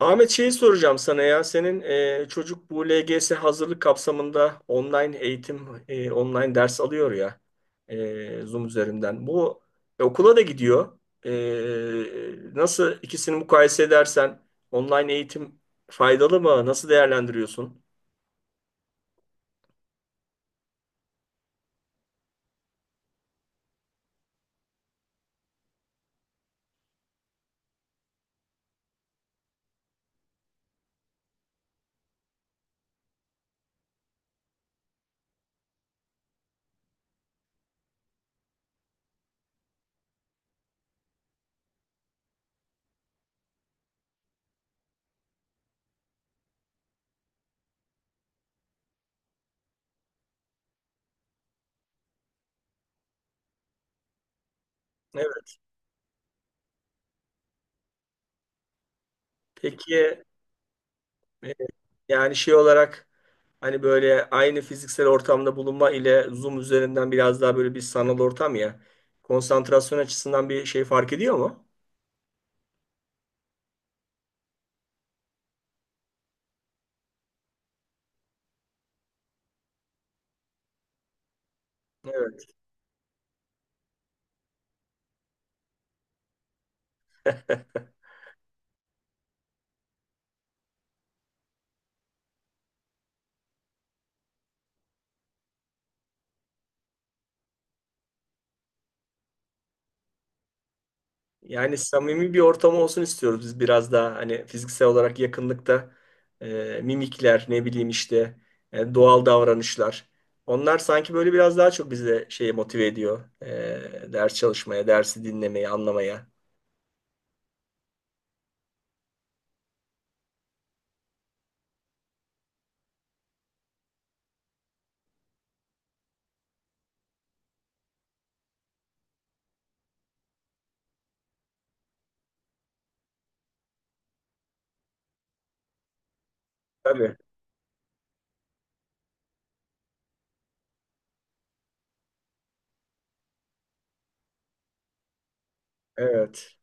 Ahmet şeyi soracağım sana ya. Senin çocuk bu LGS hazırlık kapsamında online eğitim, online ders alıyor ya Zoom üzerinden. Bu okula da gidiyor. Nasıl ikisini mukayese edersen online eğitim faydalı mı? Nasıl değerlendiriyorsun? Evet. Peki, e, yani şey olarak hani böyle aynı fiziksel ortamda bulunma ile Zoom üzerinden biraz daha böyle bir sanal ortam ya. Konsantrasyon açısından bir şey fark ediyor mu? Evet. Yani samimi bir ortam olsun istiyoruz, biz biraz daha hani fiziksel olarak yakınlıkta mimikler, ne bileyim işte, doğal davranışlar. Onlar sanki böyle biraz daha çok bize şeye motive ediyor. Ders çalışmaya, dersi dinlemeye, anlamaya. Tabii. Evet.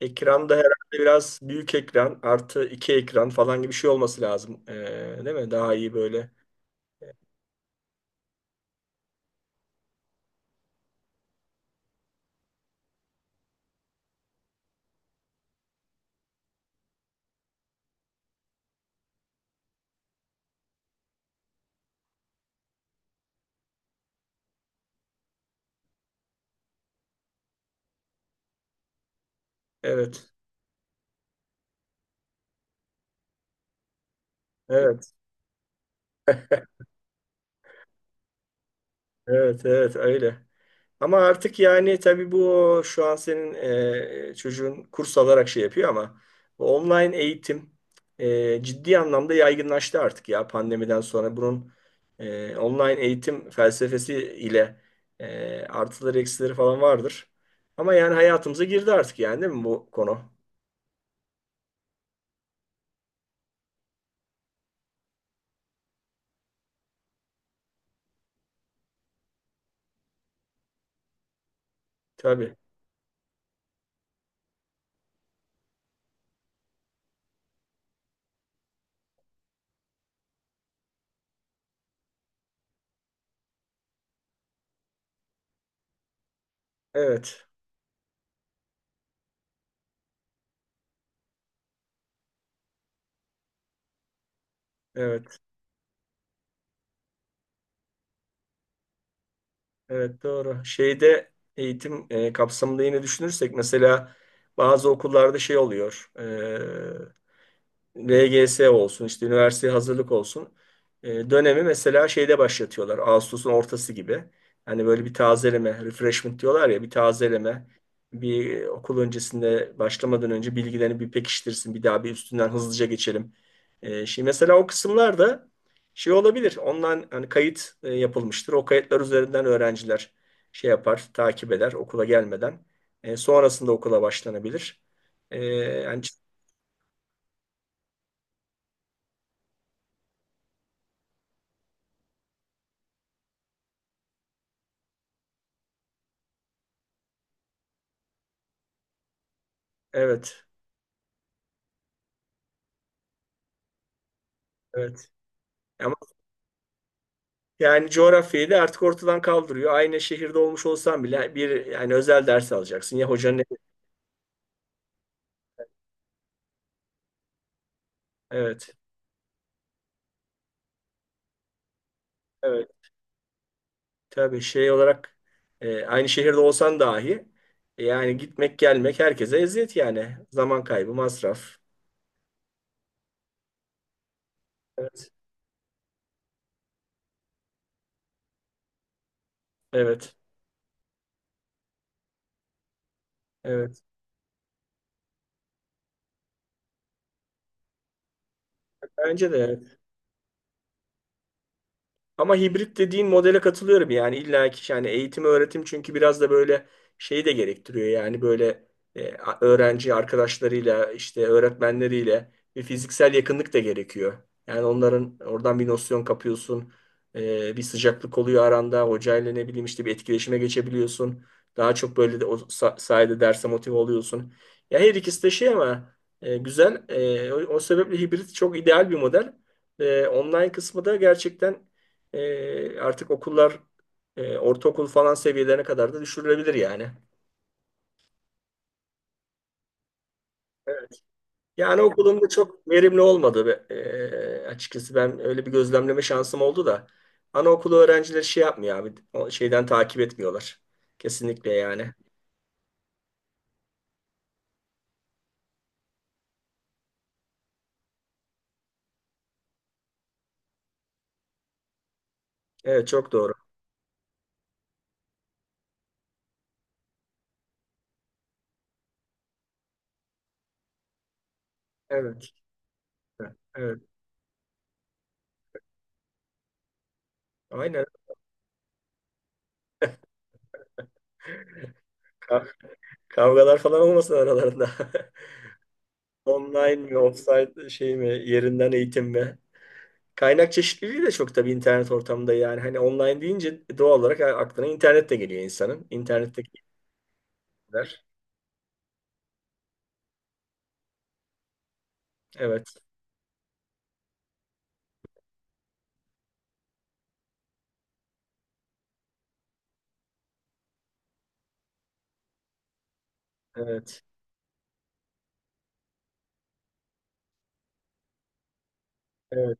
Ekran da herhalde biraz büyük ekran, artı iki ekran falan gibi bir şey olması lazım. Değil mi? Daha iyi böyle. Evet. Evet. Evet. Evet. Öyle. Ama artık yani tabii bu şu an senin çocuğun kurs alarak şey yapıyor, ama bu online eğitim ciddi anlamda yaygınlaştı artık ya, pandemiden sonra. Bunun online eğitim felsefesi ile artıları eksileri falan vardır. Ama yani hayatımıza girdi artık yani, değil mi bu konu? Tabii. Evet. Evet. Evet, doğru. Şeyde, eğitim kapsamında yine düşünürsek, mesela bazı okullarda şey oluyor. e, VGS olsun, işte üniversiteye hazırlık olsun. Dönemi mesela şeyde başlatıyorlar. Ağustos'un ortası gibi. Hani böyle bir tazeleme, refreshment diyorlar ya, bir tazeleme. Bir, okul öncesinde, başlamadan önce bilgilerini bir pekiştirsin. Bir daha bir üstünden hızlıca geçelim. Şimdi mesela o kısımlarda şey olabilir. Ondan hani kayıt yapılmıştır. O kayıtlar üzerinden öğrenciler şey yapar, takip eder okula gelmeden. Sonrasında okula başlanabilir. Yani, evet, evet. Ama yani coğrafyayı da artık ortadan kaldırıyor. Aynı şehirde olmuş olsan bile bir, yani özel ders alacaksın. Evet. Evet. Tabii, şey olarak aynı şehirde olsan dahi yani gitmek gelmek herkese eziyet yani. Zaman kaybı, masraf. Evet. Evet. Evet. Bence de evet. Ama hibrit dediğin modele katılıyorum yani, illa ki yani eğitim öğretim çünkü biraz da böyle şeyi de gerektiriyor yani, böyle öğrenci arkadaşlarıyla, işte öğretmenleriyle bir fiziksel yakınlık da gerekiyor. Yani onların oradan bir nosyon kapıyorsun. Bir sıcaklık oluyor aranda hocayla, ne bileyim işte, bir etkileşime geçebiliyorsun. Daha çok böyle de o sayede derse motive oluyorsun. Ya her ikisi de şey ama, güzel. O sebeple hibrit çok ideal bir model. Online kısmı da gerçekten artık okullar ortaokul falan seviyelerine kadar da düşürülebilir yani. Evet. Yani okulum da çok verimli olmadı, açıkçası. Ben öyle bir gözlemleme şansım oldu da. Anaokulu öğrencileri şey yapmıyor abi. O şeyden takip etmiyorlar. Kesinlikle yani. Evet, çok doğru. Evet. Evet. Aynen. Ka- Kavgalar falan olmasın aralarında. Online mi, offsite şey mi, yerinden eğitim mi? Kaynak çeşitliliği de çok, tabii internet ortamında yani. Hani online deyince doğal olarak aklına internet de geliyor insanın. İnternetteki bilgiler. Evet. Evet. Evet.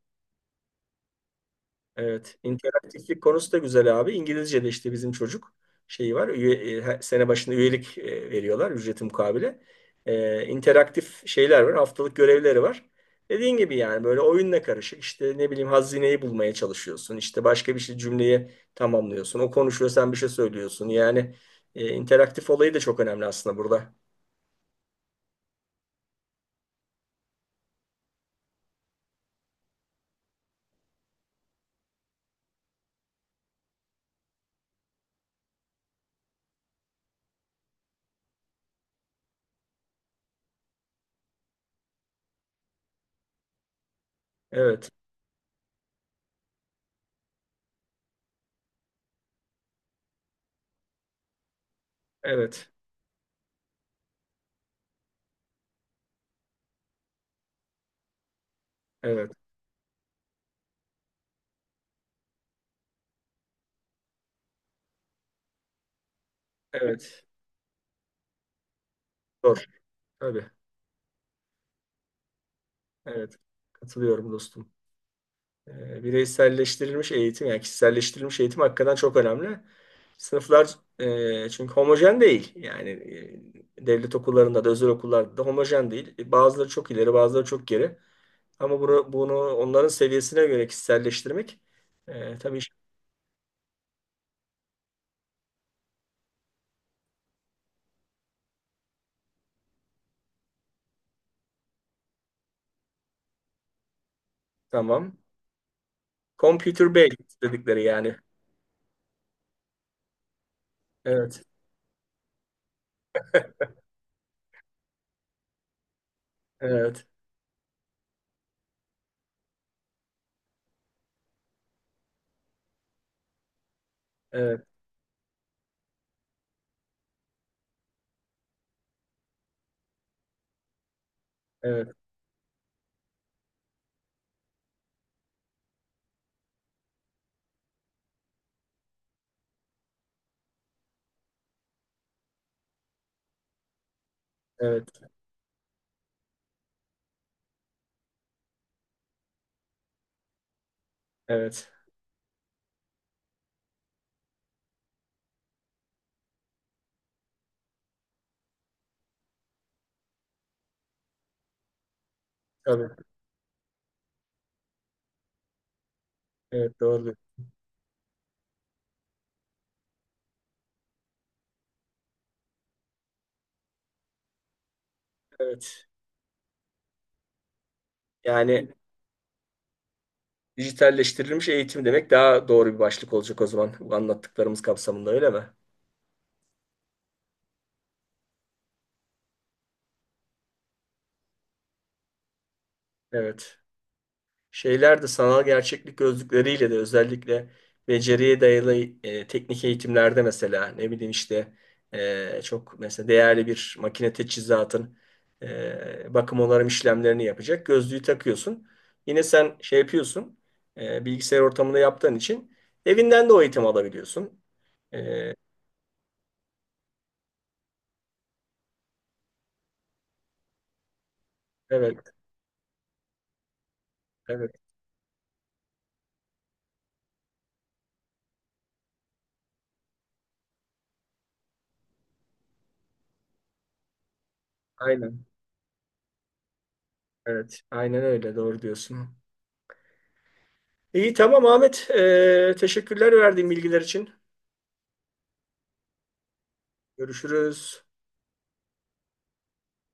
Evet, interaktiflik konusu da güzel abi. İngilizce'de işte bizim çocuk şeyi var. Her sene başında üyelik veriyorlar, ücreti mukabile. İnteraktif şeyler var. Haftalık görevleri var. Dediğin gibi yani, böyle oyunla karışık. İşte ne bileyim hazineyi bulmaya çalışıyorsun. İşte başka bir şey, cümleyi tamamlıyorsun. O konuşuyor, sen bir şey söylüyorsun. Yani interaktif olayı da çok önemli aslında burada. Evet. Evet. Evet. Evet. Doğru. Tabii. Evet. Katılıyorum dostum. Bireyselleştirilmiş eğitim, yani kişiselleştirilmiş eğitim hakikaten çok önemli. Sınıflar, çünkü homojen değil. Yani devlet okullarında da özel okullarda da homojen değil. Bazıları çok ileri, bazıları çok geri. Ama bunu onların seviyesine göre kişiselleştirmek, tabii tamam. Computer based dedikleri yani. Evet, evet, evet, evet, evet, evet. Tabii, evet, doğru. Evet. Yani dijitalleştirilmiş eğitim demek daha doğru bir başlık olacak o zaman, bu anlattıklarımız kapsamında, öyle mi? Evet. Şeyler de sanal gerçeklik gözlükleriyle de özellikle beceriye dayalı teknik eğitimlerde, mesela ne bileyim işte, çok mesela değerli bir makine teçhizatın bakım onarım işlemlerini yapacak, gözlüğü takıyorsun. Yine sen şey yapıyorsun, bilgisayar ortamında yaptığın için evinden de o eğitimi alabiliyorsun. E, evet, evet, aynen. Evet, aynen öyle. Doğru diyorsun. İyi, tamam Ahmet. Teşekkürler verdiğin bilgiler için. Görüşürüz.